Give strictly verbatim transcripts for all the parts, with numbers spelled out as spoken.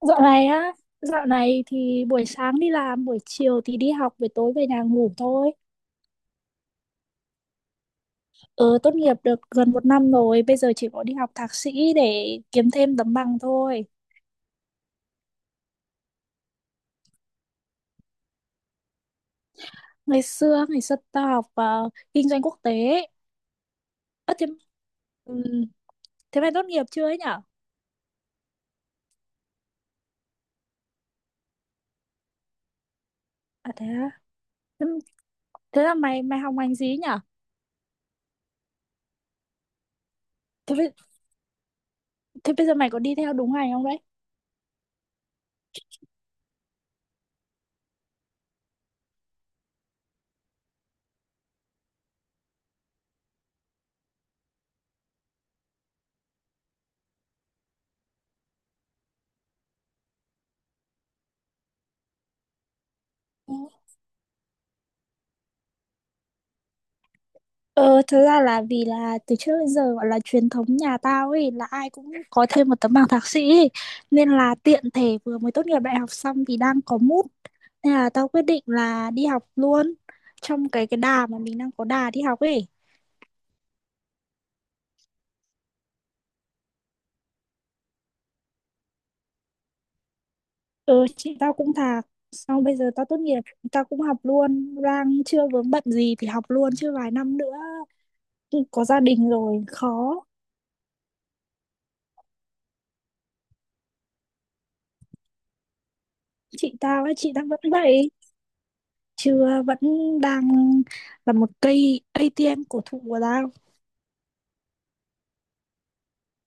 Dạo này á, dạo này thì buổi sáng đi làm, buổi chiều thì đi học, về tối về nhà ngủ thôi. Ờ, tốt nghiệp được gần một năm rồi, bây giờ chỉ có đi học thạc sĩ để kiếm thêm tấm bằng thôi. Ngày xưa, ngày xưa tao học ờ, kinh doanh quốc tế. Ơ thế, ừm, thế mày tốt nghiệp chưa ấy nhở? À thế á, thế, thế là mày mày học ngành gì ấy nhở? Thế, bây- Thế bây giờ mày có đi theo đúng ngành không đấy? Ừ. Ờ, thực ra là vì là từ trước đến giờ gọi là truyền thống nhà tao ấy là ai cũng có thêm một tấm bằng thạc sĩ ấy. Nên là tiện thể vừa mới tốt nghiệp đại học xong thì đang có mút, nên là tao quyết định là đi học luôn trong cái cái đà mà mình đang có đà đi học ấy. Ừ, chị tao cũng thạc, xong bây giờ tao tốt nghiệp, tao cũng học luôn, đang chưa vướng bận gì thì học luôn chứ vài năm nữa có gia đình rồi khó. Chị tao ấy, chị đang vẫn vậy, chưa, vẫn đang là một cây a tê em cổ thụ của tao.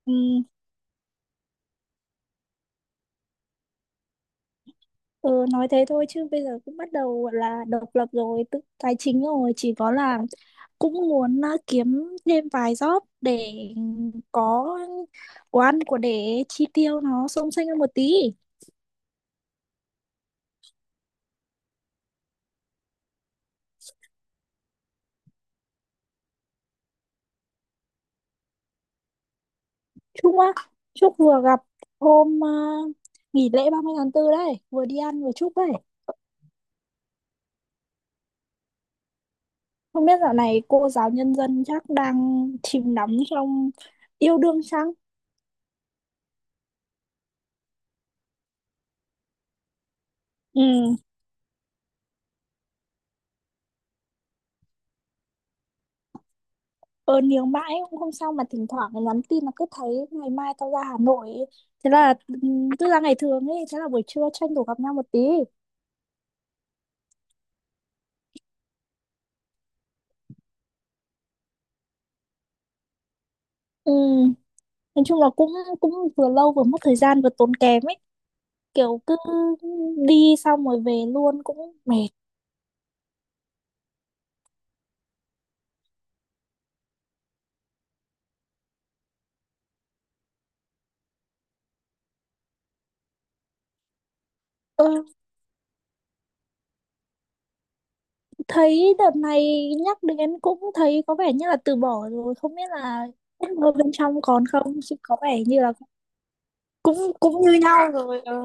Ừ, ừ, nói thế thôi chứ bây giờ cũng bắt đầu gọi là độc lập rồi, tự tài chính rồi, chỉ có là cũng muốn à, kiếm thêm vài job để có của ăn của để chi tiêu nó xông xênh hơn một tí. Chúc á, chúc vừa gặp hôm à, nghỉ lễ ba mươi tháng tư đấy, vừa đi ăn vừa chúc đấy. Không biết dạo này cô giáo nhân dân chắc đang chìm đắm trong yêu đương chăng. Ừ, ờ nếu mãi cũng không sao, mà thỉnh thoảng nhắn tin là cứ thấy ngày mai tao ra Hà Nội. Thế là ừ, cứ ra ngày thường ấy, thế là buổi trưa tranh thủ gặp nhau một tí. Ừ, nói chung là cũng cũng vừa lâu vừa mất thời gian vừa tốn kém ấy, kiểu cứ đi xong rồi về luôn cũng mệt. ờ, Thấy đợt này nhắc đến cũng thấy có vẻ như là từ bỏ rồi, không biết là ở bên trong còn không, chứ có vẻ như là cũng cũng như nhau rồi. Ờ.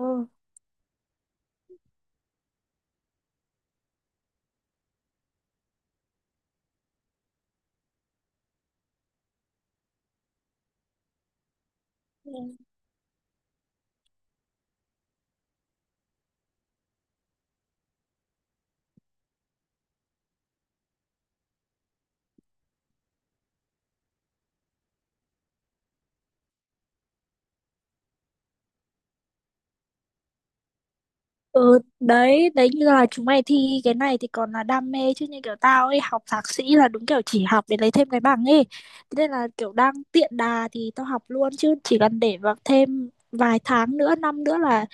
Ừ, đấy, đấy như là chúng mày thi cái này thì còn là đam mê chứ như kiểu tao ấy học thạc sĩ là đúng kiểu chỉ học để lấy thêm cái bằng ấy. Thế nên là kiểu đang tiện đà thì tao học luôn chứ chỉ cần để vào thêm vài tháng nữa, năm nữa là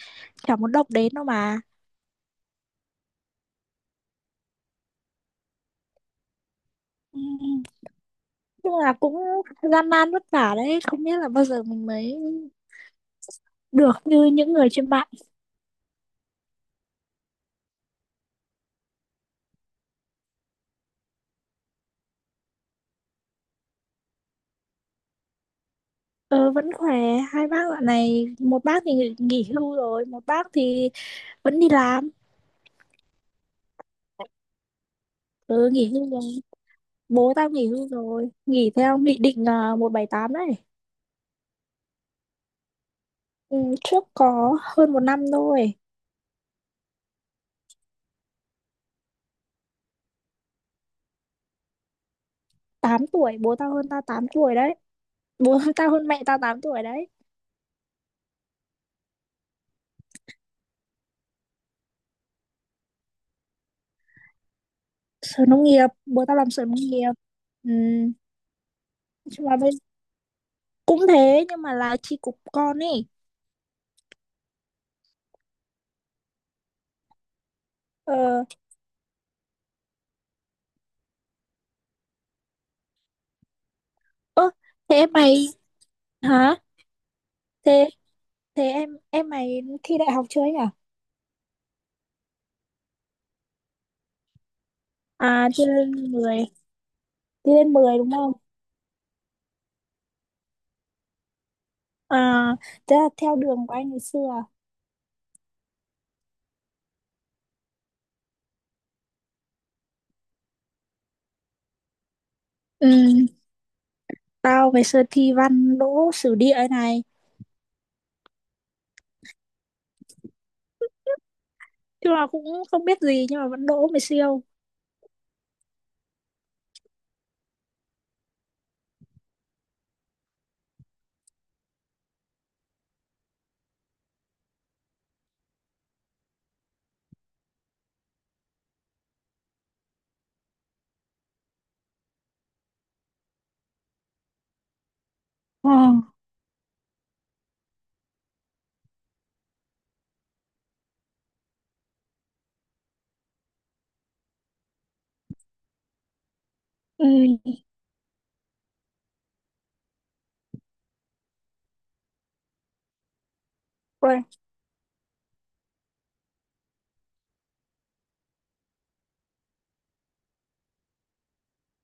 chả muốn động đến đâu mà. Ừ, nhưng là cũng gian nan vất vả đấy, không biết là bao giờ mình mới được như những người trên mạng. Ờ, vẫn khỏe, hai bác dạo này, một bác thì nghỉ nghỉ hưu rồi, một bác thì vẫn đi làm. Ừ, nghỉ hưu rồi. Bố tao nghỉ hưu rồi, nghỉ theo nghị định à, một trăm bảy mươi tám đấy. Ừ, trước có hơn một năm thôi. Tám tuổi, bố tao hơn tao tám tuổi đấy. Bố tao hơn mẹ tao tám tuổi đấy. Sở nông nghiệp, bố tao làm sở nông nghiệp. Ừ. Nói chung là bây cũng thế nhưng mà là chi cục con ấy. Ờ. ơ thế em mày, hả? Thế thế em em mày thi đại học chưa ấy nhỉ? À, thi lên mười, thi lên mười đúng không? À, thế là theo đường của anh ngày xưa à? Ừ. Tao ngày xưa thi văn đỗ sử địa ấy này. Chứ là cũng không biết gì nhưng mà vẫn đỗ, mày siêu. Ờ, ừ. Rồi.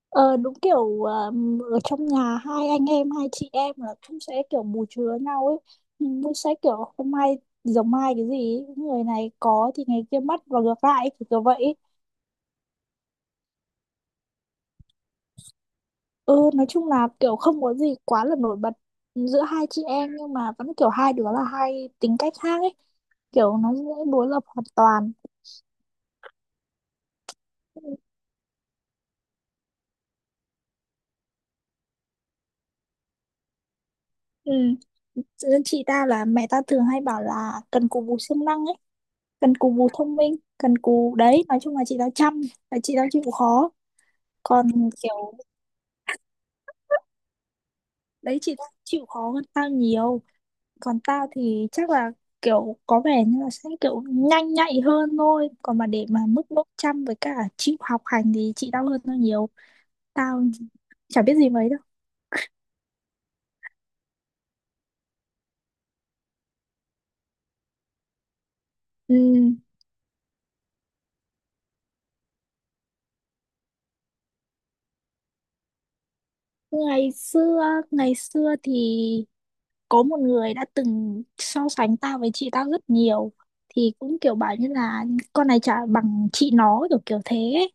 Ờ, đúng kiểu ờm, ở trong nhà hai anh em, hai chị em là cũng sẽ kiểu bù chứa nhau ấy. Nhưng cũng sẽ kiểu hôm nay giống mai cái gì ấy. Người này có thì ngày kia mất và ngược lại ấy, kiểu kiểu vậy ấy. Ừ, nói chung là kiểu không có gì quá là nổi bật giữa hai chị em, nhưng mà vẫn kiểu hai đứa là hai tính cách khác ấy, kiểu nó sẽ đối lập hoàn toàn. Ừ. Ừ. Chị ta là mẹ ta thường hay bảo là cần cù bù siêng năng ấy, cần cù bù thông minh, cần cù đấy, nói chung là chị ta chăm, là chị ta chịu khó. Còn kiểu đấy, chị ta chịu khó hơn tao nhiều. Còn tao thì chắc là kiểu có vẻ như là sẽ kiểu nhanh nhạy hơn thôi. Còn mà để mà mức độ chăm với cả chịu học hành thì chị tao hơn tao nhiều. Tao chả biết gì mấy đâu. Ừ. Ngày xưa, ngày xưa thì có một người đã từng so sánh tao với chị tao rất nhiều, thì cũng kiểu bảo như là con này chả bằng chị nó, kiểu kiểu thế ấy.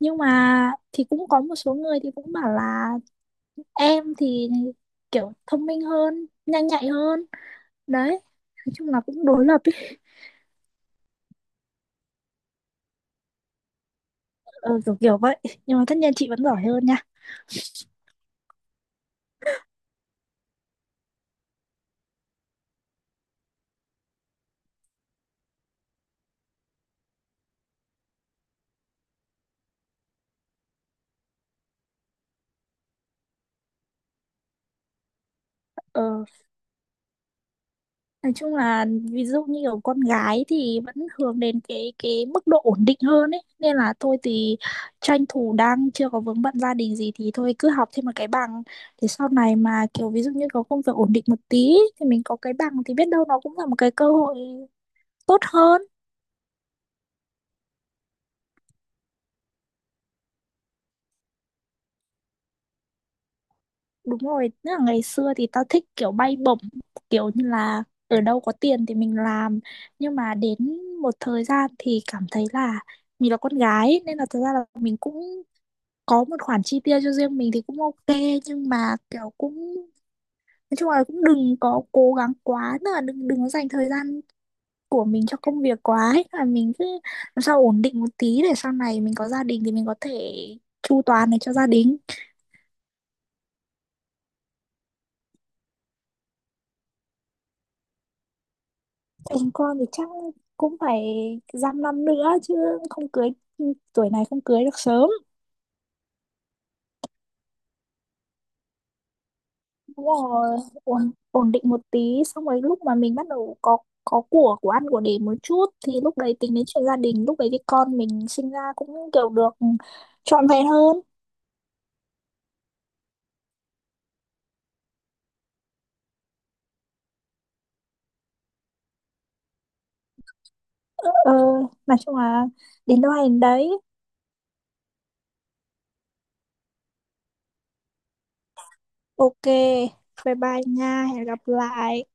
Nhưng mà thì cũng có một số người thì cũng bảo là em thì kiểu thông minh hơn, nhanh nhạy hơn đấy, nói chung là cũng đối lập ấy. Ờ, kiểu kiểu vậy, nhưng mà tất nhiên chị vẫn giỏi hơn nha. Ờ. Nói chung là ví dụ như kiểu con gái thì vẫn hướng đến cái cái mức độ ổn định hơn ấy, nên là thôi thì tranh thủ đang chưa có vướng bận gia đình gì thì thôi cứ học thêm một cái bằng, để sau này mà kiểu ví dụ như có công việc ổn định một tí ấy, thì mình có cái bằng thì biết đâu nó cũng là một cái cơ hội tốt hơn. Đúng rồi, tức là ngày xưa thì tao thích kiểu bay bổng, kiểu như là ở đâu có tiền thì mình làm, nhưng mà đến một thời gian thì cảm thấy là mình là con gái ấy, nên là thật ra là mình cũng có một khoản chi tiêu cho riêng mình thì cũng ok, nhưng mà kiểu cũng nói chung là cũng đừng có cố gắng quá, tức là đừng đừng có dành thời gian của mình cho công việc quá ấy, là mình cứ làm sao ổn định một tí để sau này mình có gia đình thì mình có thể chu toàn này cho gia đình. Chồng con thì chắc cũng phải dăm năm nữa chứ không cưới. Ừ, tuổi này không cưới được sớm. Đúng rồi, ổn, ổn định một tí, xong rồi lúc mà mình bắt đầu có có của của ăn của để một chút thì lúc đấy tính đến chuyện gia đình, lúc đấy thì con mình sinh ra cũng kiểu được trọn vẹn hơn. Ờ, nói chung là đến đâu hay đến đấy. Ok, bye bye nha, hẹn gặp lại.